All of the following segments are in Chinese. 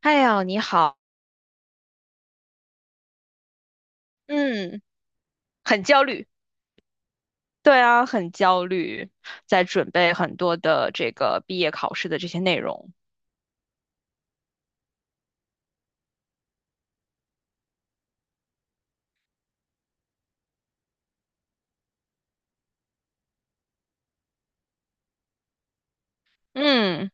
哎呀，你好。嗯，很焦虑。对啊，很焦虑，在准备很多的这个毕业考试的这些内容。嗯。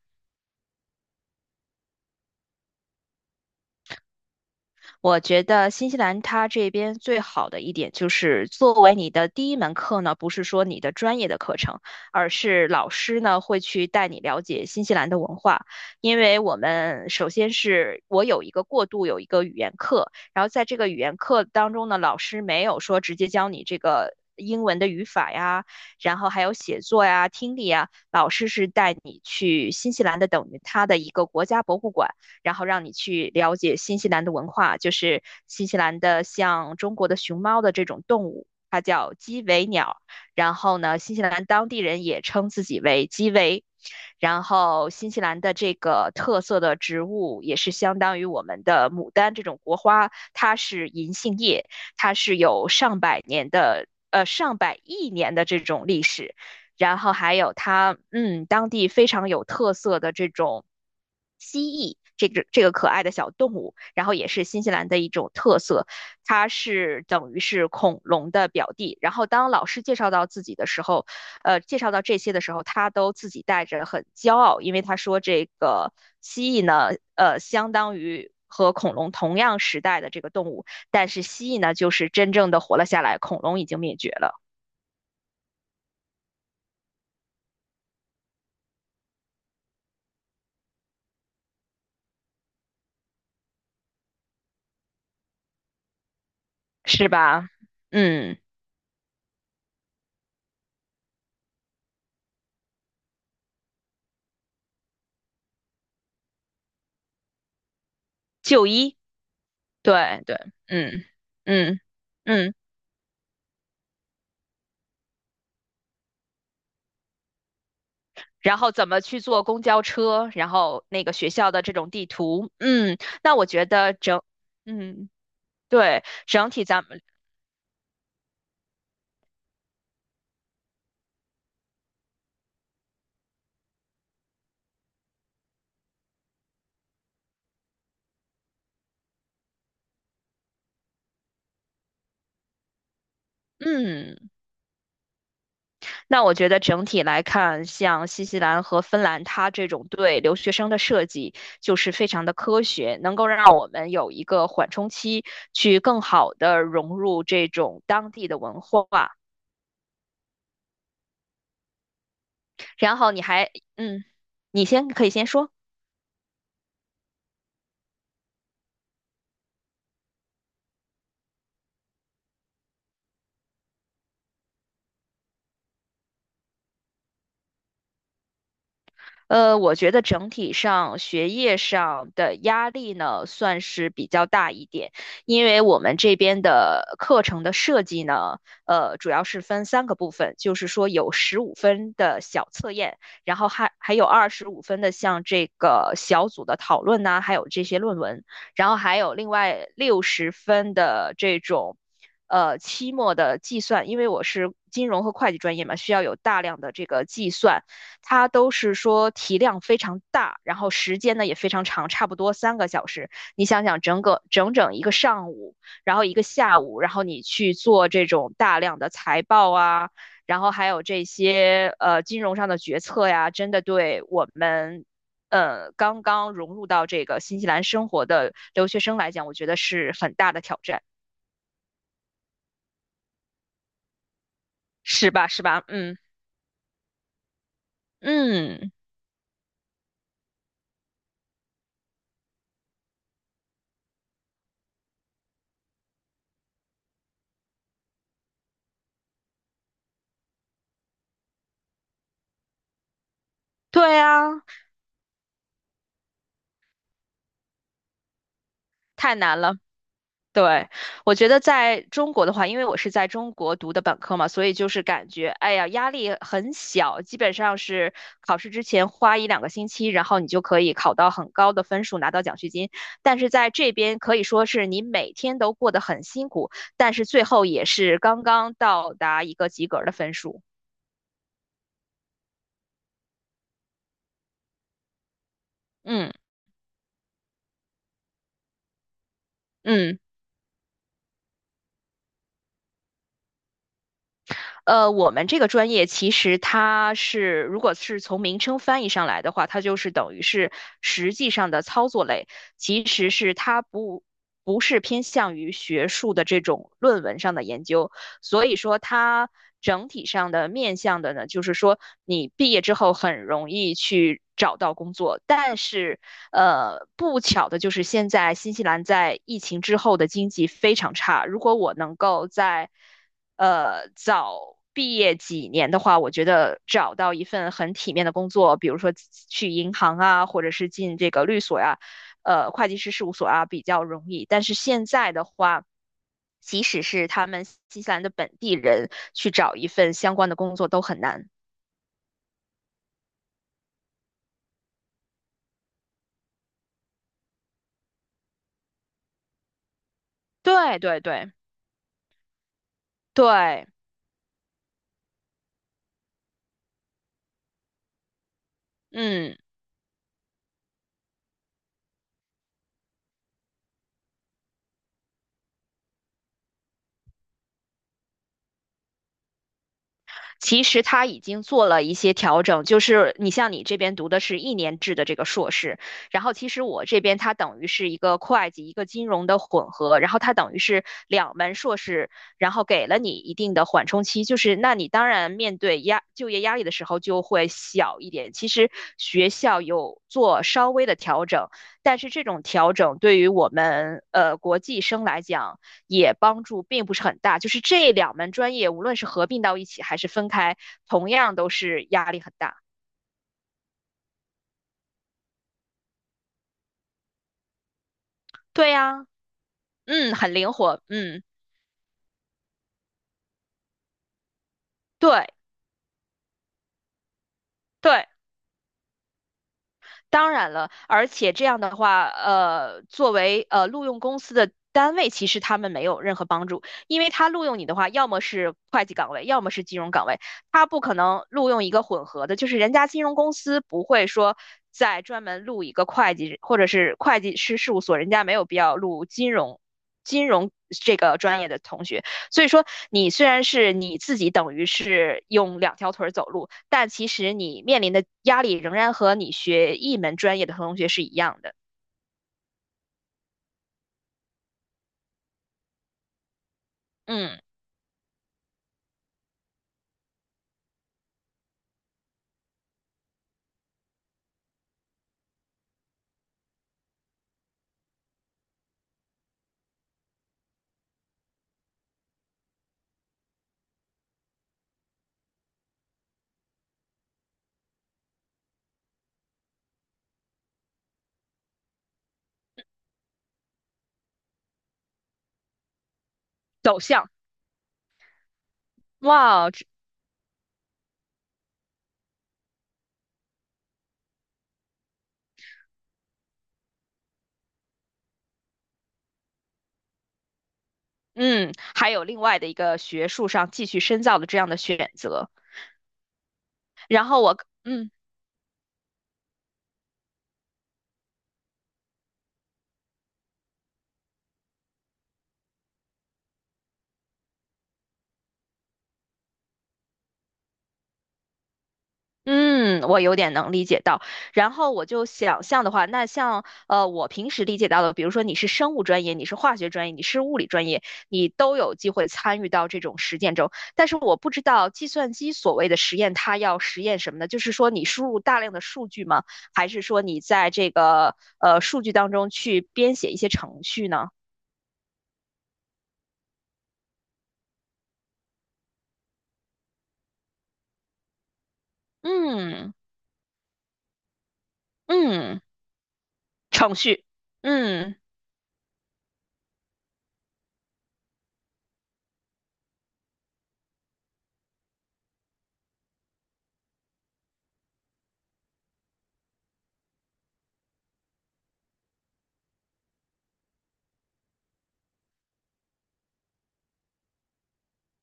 我觉得新西兰它这边最好的一点就是，作为你的第一门课呢，不是说你的专业的课程，而是老师呢会去带你了解新西兰的文化。因为我们首先是我有一个过渡，有一个语言课，然后在这个语言课当中呢，老师没有说直接教你这个英文的语法呀，然后还有写作呀、听力呀，老师是带你去新西兰的，等于它的一个国家博物馆。然后让你去了解新西兰的文化，就是新西兰的像中国的熊猫的这种动物，它叫鸡尾鸟。然后呢，新西兰当地人也称自己为鸡尾。然后新西兰的这个特色的植物也是相当于我们的牡丹这种国花，它是银杏叶，它是有上百年的上百亿年的这种历史，然后还有它当地非常有特色的这种蜥蜴。这个可爱的小动物，然后也是新西兰的一种特色，它是等于是恐龙的表弟。然后当老师介绍到自己的时候，介绍到这些的时候，他都自己带着很骄傲，因为他说这个蜥蜴呢，相当于和恐龙同样时代的这个动物，但是蜥蜴呢，就是真正的活了下来，恐龙已经灭绝了。是吧？嗯，就医，对对，嗯嗯嗯。然后怎么去坐公交车，然后那个学校的这种地图。嗯，那我觉得嗯，对，整体咱们，嗯。那我觉得整体来看，像新西兰和芬兰，它这种对留学生的设计就是非常的科学，能够让我们有一个缓冲期，去更好的融入这种当地的文化。然后你还，嗯，你先可以先说。我觉得整体上学业上的压力呢，算是比较大一点，因为我们这边的课程的设计呢，主要是分三个部分，就是说有十五分的小测验，然后还有25分的像这个小组的讨论呐、还有这些论文，然后还有另外60分的这种，期末的计算，因为我是金融和会计专业嘛，需要有大量的这个计算，它都是说体量非常大，然后时间呢也非常长，差不多3个小时。你想想，整个整整一个上午，然后一个下午，然后你去做这种大量的财报啊，然后还有这些金融上的决策呀，真的对我们刚刚融入到这个新西兰生活的留学生来讲，我觉得是很大的挑战。是吧？是吧？嗯嗯，对啊，太难了。对，我觉得在中国的话，因为我是在中国读的本科嘛，所以就是感觉，哎呀，压力很小，基本上是考试之前花一两个星期，然后你就可以考到很高的分数，拿到奖学金。但是在这边可以说是你每天都过得很辛苦，但是最后也是刚刚到达一个及格的分数。嗯嗯。我们这个专业其实它是，如果是从名称翻译上来的话，它就是等于是实际上的操作类，其实是它不是偏向于学术的这种论文上的研究，所以说它整体上的面向的呢，就是说你毕业之后很容易去找到工作，但是不巧的就是现在新西兰在疫情之后的经济非常差。如果我能够在早毕业几年的话，我觉得找到一份很体面的工作，比如说去银行啊，或者是进这个律所呀、会计师事务所啊，比较容易。但是现在的话，即使是他们新西兰的本地人去找一份相关的工作都很难。对对对对，嗯。其实他已经做了一些调整，就是你像你这边读的是1年制的这个硕士，然后其实我这边它等于是一个会计、一个金融的混合，然后它等于是2门硕士，然后给了你一定的缓冲期，就是那你当然面对就业压力的时候就会小一点。其实学校有做稍微的调整，但是这种调整对于我们国际生来讲，也帮助并不是很大。就是这两门专业，无论是合并到一起还是分开，同样都是压力很大。对呀、啊嗯，很灵活，嗯，对对。当然了，而且这样的话，作为录用公司的单位，其实他们没有任何帮助，因为他录用你的话，要么是会计岗位，要么是金融岗位，他不可能录用一个混合的，就是人家金融公司不会说再专门录一个会计，或者是会计师事务所，人家没有必要录金融金融这个专业的同学，所以说，你虽然是你自己等于是用两条腿走路，但其实你面临的压力仍然和你学一门专业的同学是一样的。嗯，走向，哇，这嗯，还有另外的一个学术上继续深造的这样的选择。然后我，嗯。嗯，我有点能理解到。然后我就想象的话，那像我平时理解到的，比如说你是生物专业，你是化学专业，你是物理专业，你都有机会参与到这种实践中。但是我不知道计算机所谓的实验，它要实验什么呢？就是说你输入大量的数据吗？还是说你在这个数据当中去编写一些程序呢？嗯嗯，程序，嗯。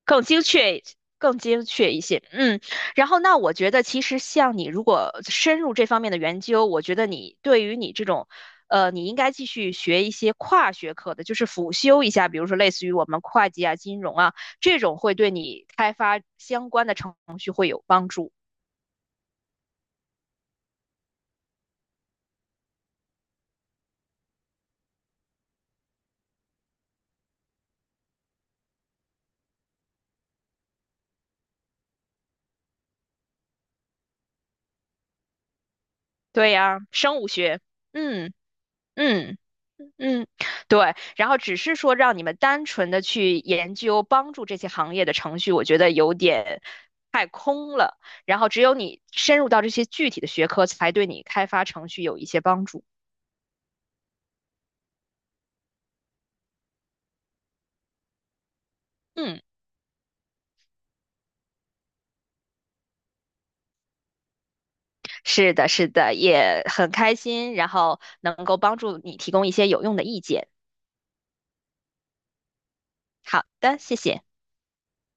更精确更精确一些。嗯，然后那我觉得其实像你如果深入这方面的研究，我觉得你对于你这种，你应该继续学一些跨学科的，就是辅修一下，比如说类似于我们会计啊、金融啊这种，会对你开发相关的程序会有帮助。对呀，生物学，嗯嗯嗯，对。然后只是说让你们单纯的去研究帮助这些行业的程序，我觉得有点。然后只有你深入到这些具体的学科，才对你开发程序有一些帮助。嗯，是的，是的，也很开心，然后能够帮助你提供一些有用的意见。好的，谢谢。